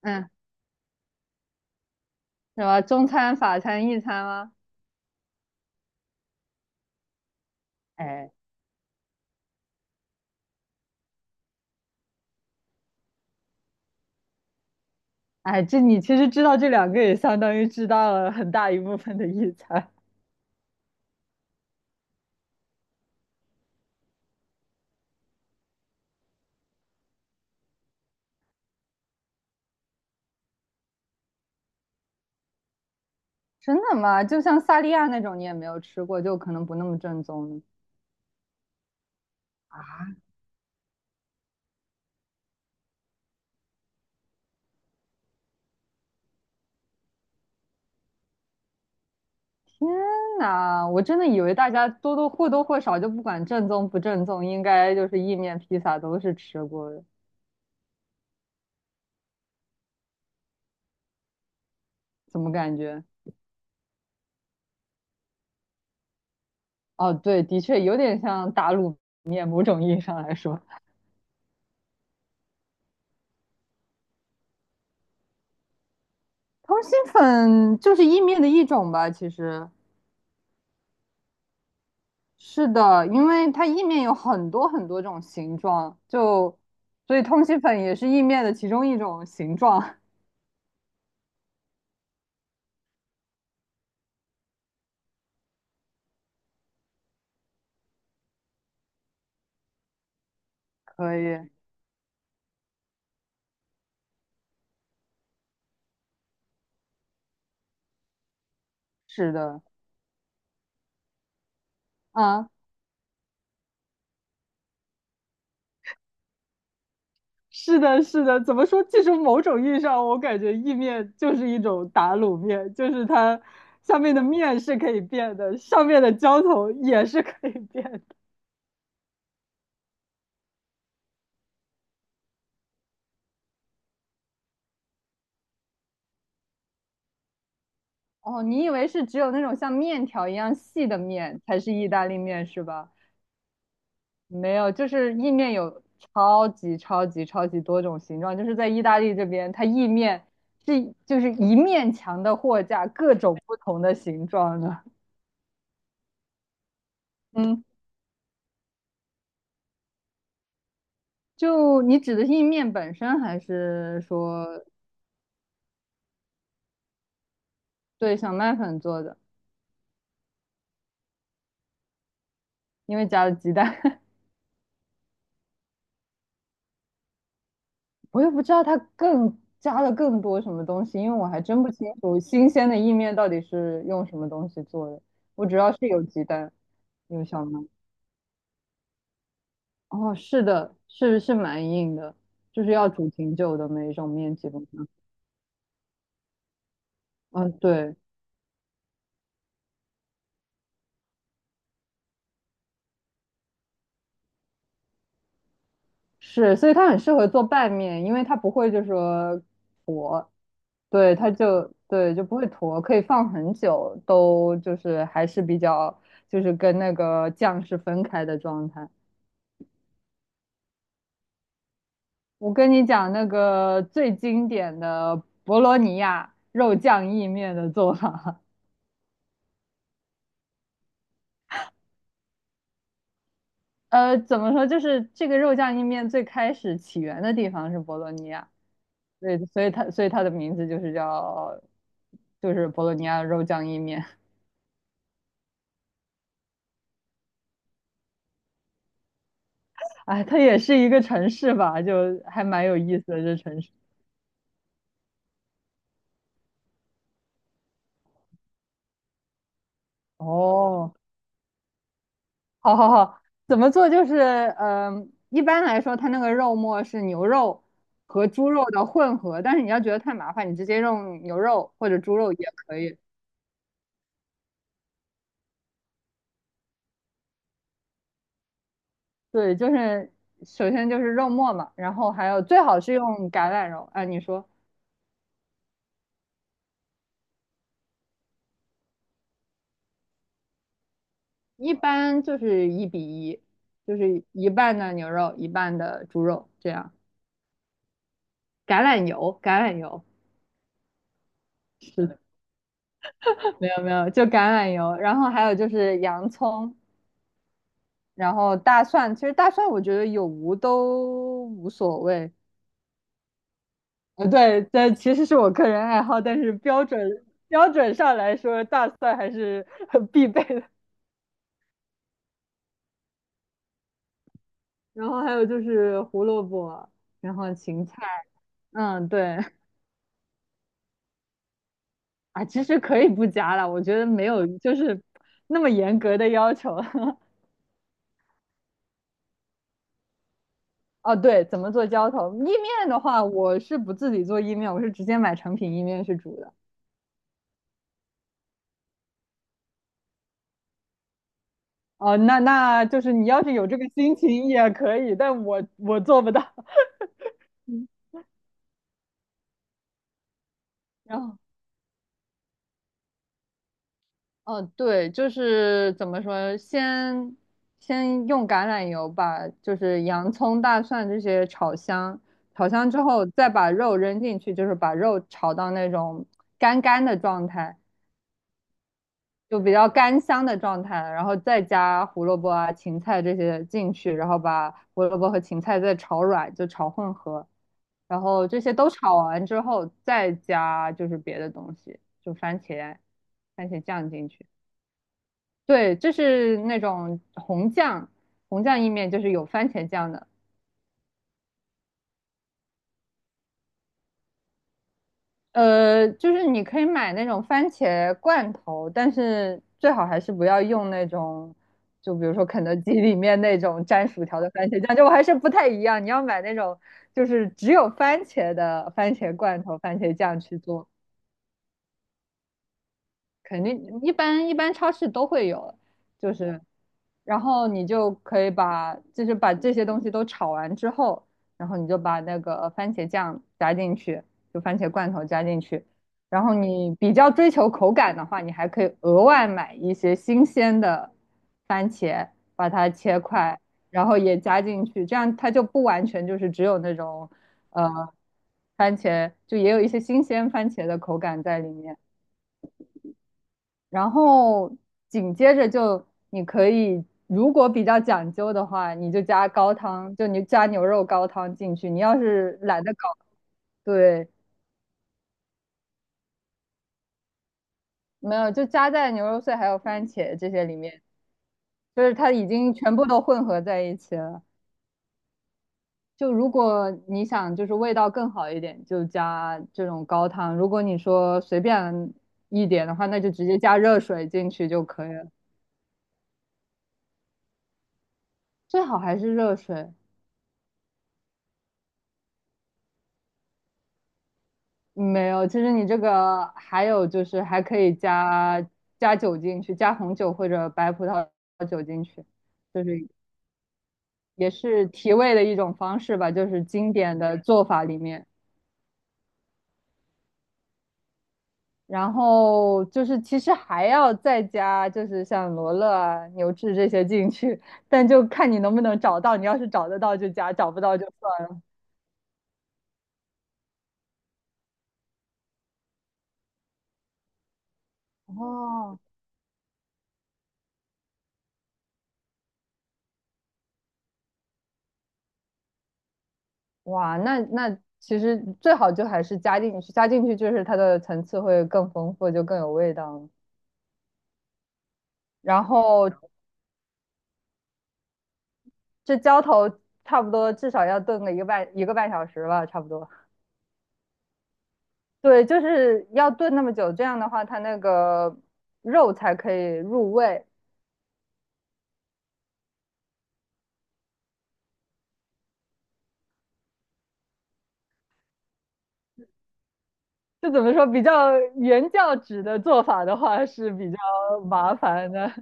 嗯，什么中餐、法餐、意餐吗？哎哎，这你其实知道这两个，也相当于知道了很大一部分的意餐。 真的吗？就像萨莉亚那种，你也没有吃过，就可能不那么正宗的啊。天呐，我真的以为大家多多或多或少就不管正宗不正宗，应该就是意面、披萨都是吃过的。怎么感觉？哦，对，的确有点像打卤面，某种意义上来说，通心粉就是意面的一种吧，其实是的，因为它意面有很多很多种形状，就所以通心粉也是意面的其中一种形状。可以，是的，啊，是的，是的。怎么说？其实某种意义上，我感觉意面就是一种打卤面，就是它下面的面是可以变的，上面的浇头也是可以变的。哦，你以为是只有那种像面条一样细的面才是意大利面是吧？没有，就是意面有超级超级超级多种形状，就是在意大利这边，它意面是就是一面墙的货架，各种不同的形状的。嗯，就你指的是意面本身，还是说对小麦粉做的？因为加了鸡蛋，我也不知道它更加了更多什么东西，因为我还真不清楚新鲜的意面到底是用什么东西做的。我只要是有鸡蛋，有小麦。哦，是的，是是蛮硬的，就是要煮挺久的每一种面基本上。嗯，对，是，所以它很适合做拌面，因为它不会就说坨，对，它就对就不会坨，可以放很久，都就是还是比较就是跟那个酱是分开的状态。我跟你讲那个最经典的博罗尼亚肉酱意面的做法。怎么说，就是这个肉酱意面最开始起源的地方是博罗尼亚。对，所以它所以它的名字就是叫，就是博洛尼亚肉酱意面。哎，它也是一个城市吧，就还蛮有意思的这城市。哦，好好好，怎么做？就是一般来说，它那个肉末是牛肉和猪肉的混合，但是你要觉得太麻烦，你直接用牛肉或者猪肉也可以。对，就是首先就是肉末嘛，然后还有最好是用橄榄油。哎、你说。一般就是一比一，就是一半的牛肉，一半的猪肉，这样。橄榄油，橄榄油，是的，没有没有，就橄榄油，然后还有就是洋葱，然后大蒜。其实大蒜我觉得有无都无所谓。对，这其实是我个人爱好，但是标准标准上来说，大蒜还是很必备的。然后还有就是胡萝卜，然后芹菜，嗯，对，啊，其实可以不加了，我觉得没有就是那么严格的要求。哦，对，怎么做浇头？意面的话，我是不自己做意面，我是直接买成品意面去煮的。哦，那那就是你要是有这个心情也可以，但我做不到。嗯 然后，哦，对，就是怎么说，先先用橄榄油把就是洋葱、大蒜这些炒香，炒香之后再把肉扔进去，就是把肉炒到那种干干的状态。就比较干香的状态，然后再加胡萝卜啊、芹菜这些进去，然后把胡萝卜和芹菜再炒软，就炒混合，然后这些都炒完之后，再加就是别的东西，就番茄、番茄酱进去。对，这是那种红酱，红酱意面就是有番茄酱的，就是你可以买那种番茄罐头，但是最好还是不要用那种，就比如说肯德基里面那种沾薯条的番茄酱，就我还是不太一样。你要买那种就是只有番茄的番茄罐头、番茄酱去做。肯定一般一般超市都会有，就是，然后你就可以把就是把这些东西都炒完之后，然后你就把那个番茄酱加进去，就番茄罐头加进去，然后你比较追求口感的话，你还可以额外买一些新鲜的番茄，把它切块，然后也加进去，这样它就不完全就是只有那种呃番茄，就也有一些新鲜番茄的口感在里面。然后紧接着就你可以，如果比较讲究的话，你就加高汤，就你加牛肉高汤进去。你要是懒得搞，对，没有，就加在牛肉碎还有番茄这些里面，就是它已经全部都混合在一起了。就如果你想就是味道更好一点，就加这种高汤；如果你说随便一点的话，那就直接加热水进去就可以了。最好还是热水。没有，其实你这个还有就是还可以加加酒进去，加红酒或者白葡萄酒进去，就是也是提味的一种方式吧，就是经典的做法里面。然后就是其实还要再加，就是像罗勒啊、牛至这些进去，但就看你能不能找到。你要是找得到就加，找不到就算了。哦，哇，那那其实最好就还是加进去，加进去就是它的层次会更丰富，就更有味道。然后这浇头差不多至少要炖个一个半小时吧，差不多。对，就是要炖那么久，这样的话它那个肉才可以入味。就怎么说，比较原教旨的做法的话是比较麻烦的。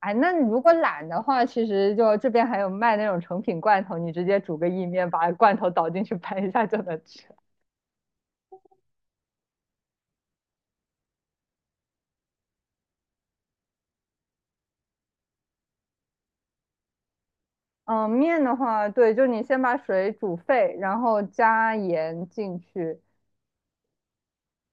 哎，那你如果懒的话，其实就这边还有卖那种成品罐头，你直接煮个意面，把罐头倒进去拌一下就能吃。嗯，面的话，对，就是你先把水煮沸，然后加盐进去，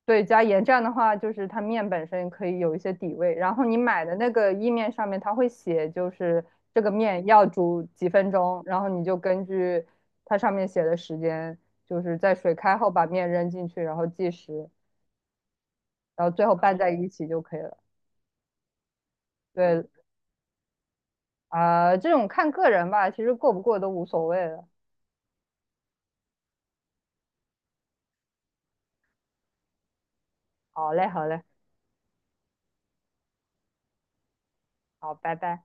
对，加盐这样的话，就是它面本身可以有一些底味。然后你买的那个意面上面，它会写就是这个面要煮几分钟，然后你就根据它上面写的时间，就是在水开后把面扔进去，然后计时，然后最后拌在一起就可以了。对，啊、这种看个人吧，其实过不过都无所谓了。好嘞，好嘞，好，拜拜。